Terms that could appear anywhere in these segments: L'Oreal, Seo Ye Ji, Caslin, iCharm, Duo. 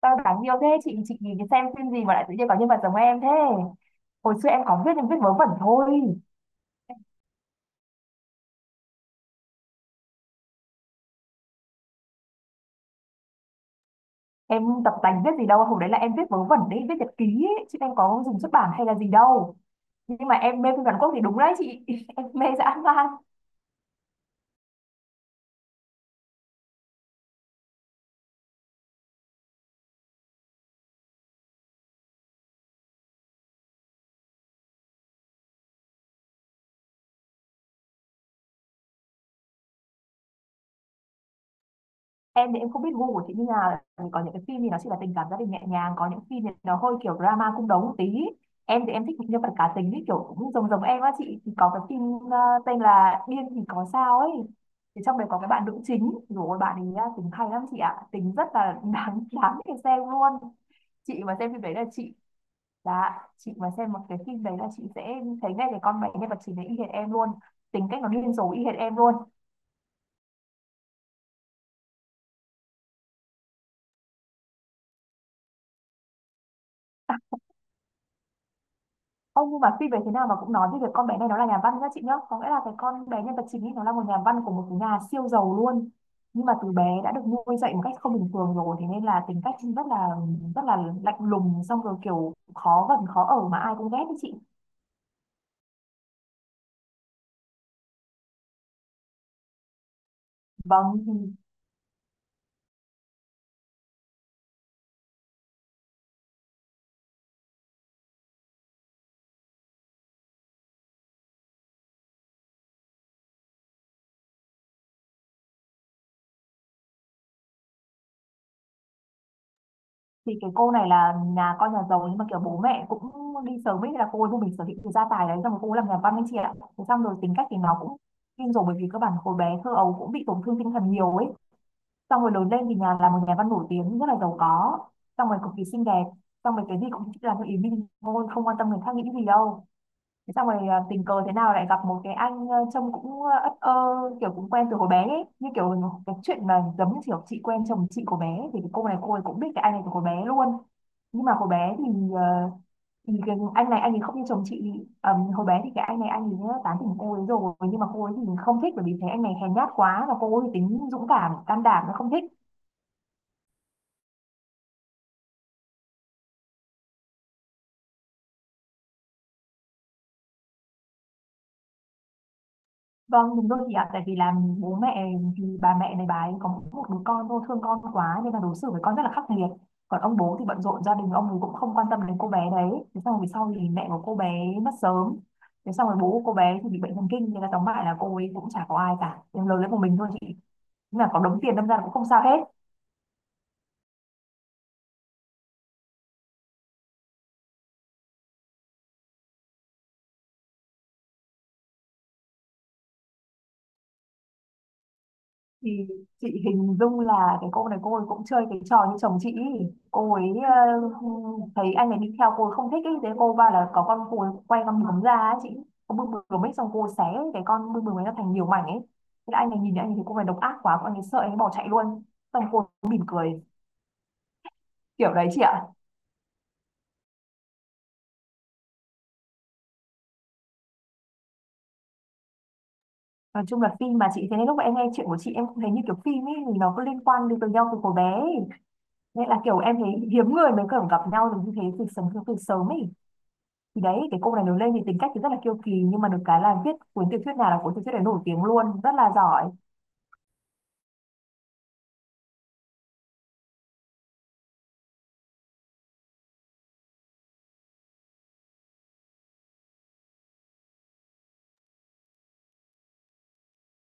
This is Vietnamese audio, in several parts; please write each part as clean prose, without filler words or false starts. Tao đáng yêu thế Chị nhìn xem phim gì mà lại tự nhiên có nhân vật giống em thế. Hồi xưa em có viết em viết vớ vẩn thôi. Em tập tành viết gì đâu, hồi đấy là em viết vớ vẩn đấy, viết nhật ký ấy, chứ em có dùng xuất bản hay là gì đâu. Nhưng mà em mê phim Hàn Quốc thì đúng đấy chị, em mê dã man. Em thì em không biết gu của chị như nào, có những cái phim thì nó chỉ là tình cảm gia đình nhẹ nhàng, có những phim thì nó hơi kiểu drama cung đấu một tí. Em thì em thích những nhân vật cá tính ấy, kiểu cũng giống giống em á chị, thì có cái phim ờ, tên là Điên thì có sao ấy. Thì trong đấy có cái bạn nữ chính, rồi bạn ấy á, tính hay lắm chị ạ, tính rất là đáng đáng để xem luôn. Chị mà xem phim đấy là chị mà xem một cái phim đấy là chị sẽ thấy ngay cái con bé nhân vật chính đấy y hệt em luôn, tính cách nó điên rồ y hệt em luôn. Ông nhưng mà phi về thế nào mà cũng nói về việc con bé này nó là nhà văn nhá chị nhá. Có nghĩa là cái con bé nhân vật chính ấy nó là một nhà văn của một cái nhà siêu giàu luôn. Nhưng mà từ bé đã được nuôi dạy một cách không bình thường rồi, thế nên là tính cách rất là lạnh lùng, xong rồi kiểu khó gần khó ở mà ai cũng ghét đấy chị. Vâng thì cái cô này là nhà con nhà giàu, nhưng mà kiểu bố mẹ cũng đi sớm ấy, là cô ấy vô mình sở hữu cái gia tài đấy xong rồi cô ấy làm nhà văn anh chị ạ. Thế xong rồi tính cách thì nó cũng kinh rồi, bởi vì các bạn hồi bé thơ ấu cũng bị tổn thương tinh thần nhiều ấy, xong rồi lớn lên thì nhà là một nhà văn nổi tiếng rất là giàu có, xong rồi cực kỳ xinh đẹp, xong rồi cái gì cũng làm theo ý mình thôi, không quan tâm người khác nghĩ gì đâu. Thế xong rồi tình cờ thế nào lại gặp một cái anh trông cũng ất ơ, kiểu cũng quen từ hồi bé ấy, như kiểu cái chuyện mà giống như kiểu chị quen chồng chị của bé ấy. Thì cái cô này cô ấy cũng biết cái anh này từ hồi bé luôn, nhưng mà hồi bé ờ, thì cái anh này anh ấy không như chồng chị. Hồi bé thì cái anh này anh ấy tán tỉnh cô ấy rồi, nhưng mà cô ấy thì không thích, bởi vì thấy anh này hèn nhát quá, và cô ấy thì tính dũng cảm can đảm nó không thích. Vâng, đúng rồi chị ạ. Tại vì là bố mẹ, thì bà mẹ này bà ấy có mỗi một đứa con thôi, thương con quá nên là đối xử với con rất là khắc nghiệt. Còn ông bố thì bận rộn gia đình, ông ấy cũng không quan tâm đến cô bé đấy. Thế xong rồi về sau thì mẹ của cô bé mất sớm. Thế xong rồi bố của cô bé thì bị bệnh thần kinh, nên là tóm lại là cô ấy cũng chả có ai cả. Em lớn lên một mình thôi chị. Nhưng mà có đống tiền đâm ra là cũng không sao hết. Thì chị hình dung là cái cô này cô ấy cũng chơi cái trò như chồng chị ý. Cô ấy thấy anh này đi theo cô ấy không thích ý, thế cô va là có con cô ấy quay con bướm ra ấy chị, con bướm bướm ấy xong cô ấy xé cái con bướm bướm ấy ra thành nhiều mảnh ấy, thế là anh này nhìn thấy, anh ấy thấy cô này độc ác quá, anh ấy sợ anh ấy bỏ chạy luôn, xong cô ấy mỉm cười kiểu đấy chị ạ. Nói chung là phim mà chị, thế nên lúc mà em nghe chuyện của chị em cũng thấy như kiểu phim ấy, thì nó có liên quan đến với nhau từ hồi bé ấy. Nên là kiểu em thấy hiếm người mới kiểu gặp nhau được như thế từ sớm ấy. Thì đấy cái cô này lớn lên thì tính cách thì rất là kiêu kỳ, nhưng mà được cái là viết cuốn tiểu thuyết nào là cuốn tiểu thuyết đấy nổi tiếng luôn, rất là giỏi.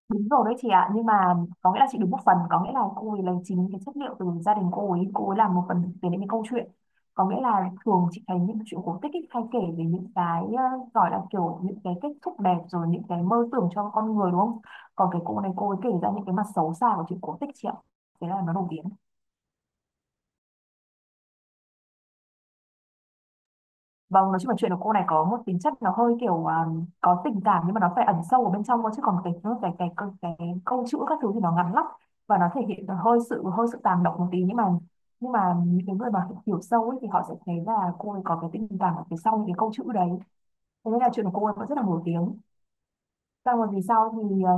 Đúng rồi đấy chị ạ, nhưng mà có nghĩa là chị đúng một phần, có nghĩa là cô ấy lấy chính cái chất liệu từ gia đình cô ấy, cô ấy làm một phần thực tế đến cái câu chuyện. Có nghĩa là thường chị thấy những chuyện cổ tích ấy, hay kể về những cái gọi là kiểu những cái kết thúc đẹp, rồi những cái mơ tưởng cho con người đúng không, còn cái cô này cô ấy kể ra những cái mặt xấu xa của chuyện cổ tích chị ạ, thế là nó nổi tiếng. Vâng, nói chung là chuyện của cô này có một tính chất nó hơi kiểu có tình cảm nhưng mà nó phải ẩn sâu ở bên trong thôi, chứ còn cái câu chữ các thứ thì nó ngắn lắm, và nó thể hiện hơi sự tàng động một tí, nhưng mà những cái người mà hiểu sâu ấy thì họ sẽ thấy là cô ấy có cái tình cảm ở phía sau những cái câu chữ đấy, thế nên là chuyện của cô ấy vẫn rất là nổi tiếng. Xong rồi vì sau thì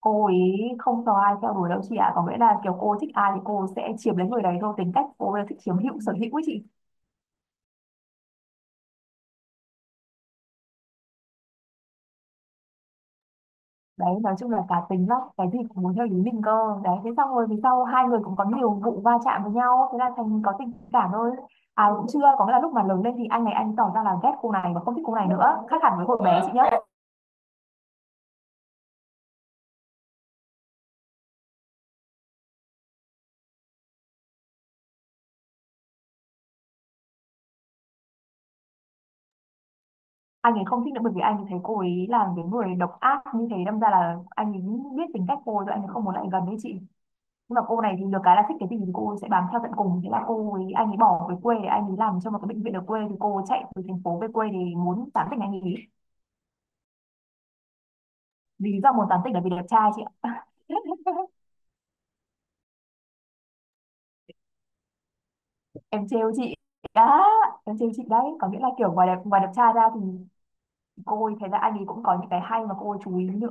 cô ấy không có ai theo đuổi đâu chị ạ, có nghĩa là kiểu cô thích ai thì cô sẽ chiếm lấy người đấy thôi, tính cách cô ấy là thích chiếm hữu sở hữu ấy chị. Đấy nói chung là cá tính lắm, cái gì cũng muốn theo ý mình cơ. Đấy thế xong rồi vì sau hai người cũng có nhiều vụ va chạm với nhau, thế là thành có tình cảm thôi, ai cũng chưa, có nghĩa là lúc mà lớn lên thì anh này anh tỏ ra là ghét cô này và không thích cô này nữa, khác hẳn với hồi bé chị nhá. Anh ấy không thích nữa bởi vì anh ấy thấy cô ấy là cái người độc ác như thế, đâm ra là anh ấy biết tính cách cô ấy rồi, anh ấy không muốn lại gần với chị. Nhưng mà cô này thì được cái là thích cái gì thì cô ấy sẽ bám theo tận cùng, thế là cô ấy, anh ấy bỏ về quê để anh ấy làm cho một cái bệnh viện ở quê, thì cô ấy chạy từ thành phố về quê để muốn tán tỉnh anh ấy. Lý do muốn tán tỉnh là vì đẹp trai chị ạ. Em trêu chị đã, em trêu chị đấy, có nghĩa là kiểu ngoài đẹp, ngoài đẹp trai ra thì cô ấy thấy là anh ấy cũng có những cái hay mà cô ấy chú ý nữa.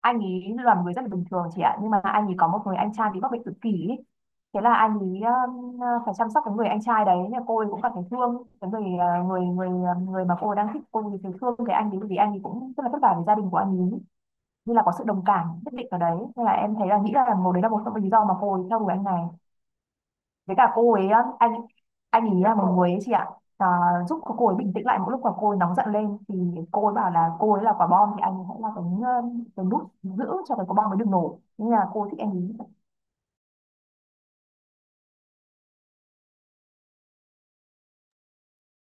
Anh ấy là một người rất là bình thường chị ạ, nhưng mà anh ấy có một người anh trai bị mắc bệnh tự kỷ ý. Thế là anh ấy um, phải chăm sóc cái người anh trai đấy. Nên là cô ấy cũng cảm thấy thương cái người người người ờ, người mà cô ấy đang thích, cô ấy thấy thương cái anh ấy vì anh ấy cũng rất là vất vả với gia đình của anh ấy, như là có sự đồng cảm nhất định ở đấy, nên là em thấy là nghĩ là một, đấy là một trong những lý do mà cô ấy theo đuổi anh này. Với cả cô ấy á, anh ý là một người ấy chị ạ, à, giúp cô ấy bình tĩnh lại mỗi lúc mà cô ấy nóng giận lên thì cô ấy bảo là cô ấy là quả bom, thì anh hãy là cái cái nút giữ cho cái quả bom mới được nổ, nhưng là cô ấy thích anh ý.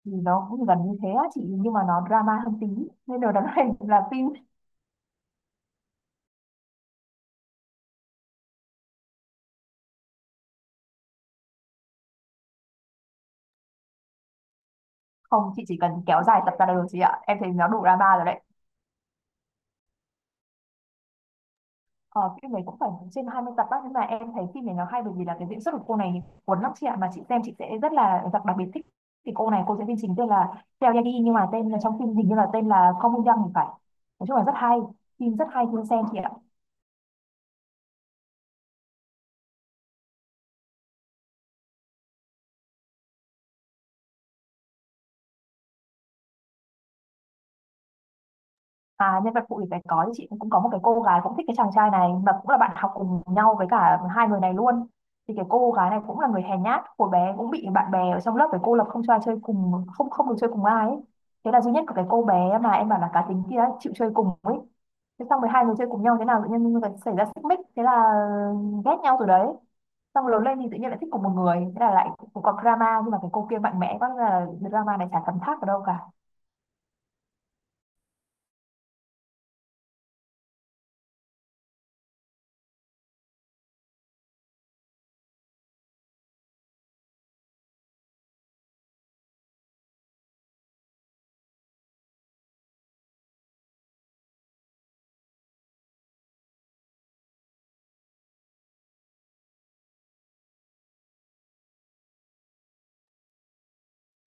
Thì nó cũng gần như thế á chị, nhưng mà nó drama hơn tí, nên điều đáng này là phim. Không chị, chỉ cần kéo dài tập ra là được chị ạ, em thấy nó đủ drama rồi đấy. Ờ, phim này cũng phải trên 20 tập á, nhưng mà em thấy phim này nó hay bởi vì là cái diễn xuất của cô này cuốn lắm chị ạ, mà chị xem chị sẽ rất là đặc biệt thích. Thì cô này cô diễn viên chính tên là Seo Ye Ji, nhưng mà tên trong phim hình như là tên là Không Young thì phải. Nói chung là rất hay, phim rất hay khi xem chị ạ. À, nhân vật phụ thì phải có, thì chị cũng có một cái cô gái cũng thích cái chàng trai này, mà cũng là bạn học cùng nhau với cả hai người này luôn. Thì cái cô gái này cũng là người hèn nhát, hồi bé cũng bị bạn bè ở trong lớp phải cô lập không cho ai chơi cùng, không không được chơi cùng ai ấy. Thế là duy nhất của cái cô bé mà em bảo là cá tính kia ấy, chịu chơi cùng ấy. Thế xong rồi hai người chơi cùng nhau thế nào tự nhiên lại xảy ra xích mích, thế là ghét nhau từ đấy. Xong lớn lên thì tự nhiên lại thích cùng một người, thế là lại cũng có drama, nhưng mà cái cô kia mạnh mẽ quá nên là drama này chả thấm tháp ở đâu cả.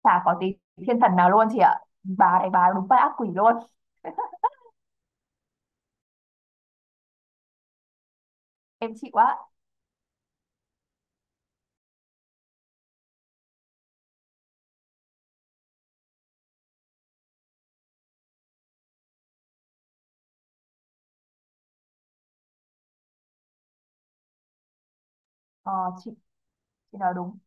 Chả có tí thiên thần nào luôn chị ạ, bà này bà đúng bắt ác quỷ luôn. Em chịu quá. Ờ, chị chị nói đúng.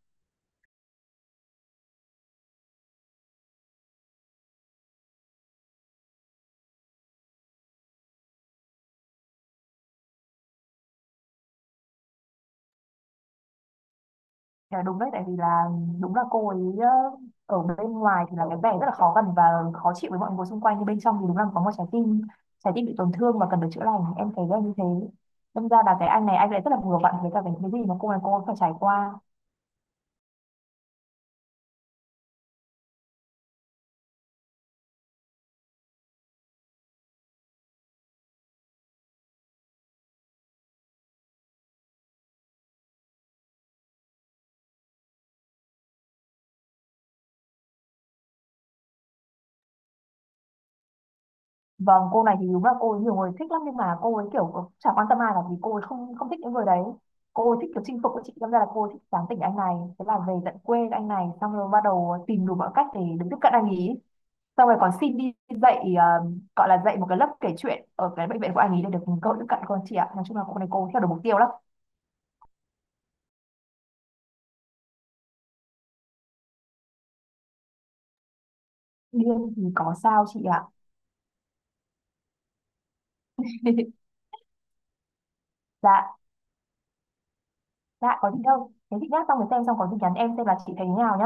Chị nói đúng đấy, tại vì là đúng là cô ấy ở bên ngoài thì là cái vẻ rất là khó gần và khó chịu với mọi người xung quanh, nhưng bên trong thì đúng là có một trái tim bị tổn thương và cần được chữa lành, em thấy là như thế. Đâm ra là cái anh này anh lại rất là vừa vặn với cả cái gì mà cô này cô ấy phải trải qua. Vâng, cô này thì đúng là cô ấy nhiều người thích lắm, nhưng mà cô ấy kiểu chả quan tâm ai cả, vì cô ấy không không thích những người đấy. Cô ấy thích kiểu chinh phục của chị, đâm ra là cô ấy thích tán tỉnh anh này, thế là về tận quê anh này xong rồi bắt đầu tìm đủ mọi cách để được tiếp cận anh ý. Xong rồi còn xin đi dạy ờ, gọi là dạy một cái lớp kể chuyện ở cái bệnh viện của anh ý để được cơ hội tiếp cận con chị ạ. Nói chung là cô này cô theo được mục tiêu lắm. Điên thì có sao chị ạ? Dạ, dạ có gì đâu. Thế chị nhá, xong rồi xem xong có gì nhắn em xem là chị thấy thế nào nhá.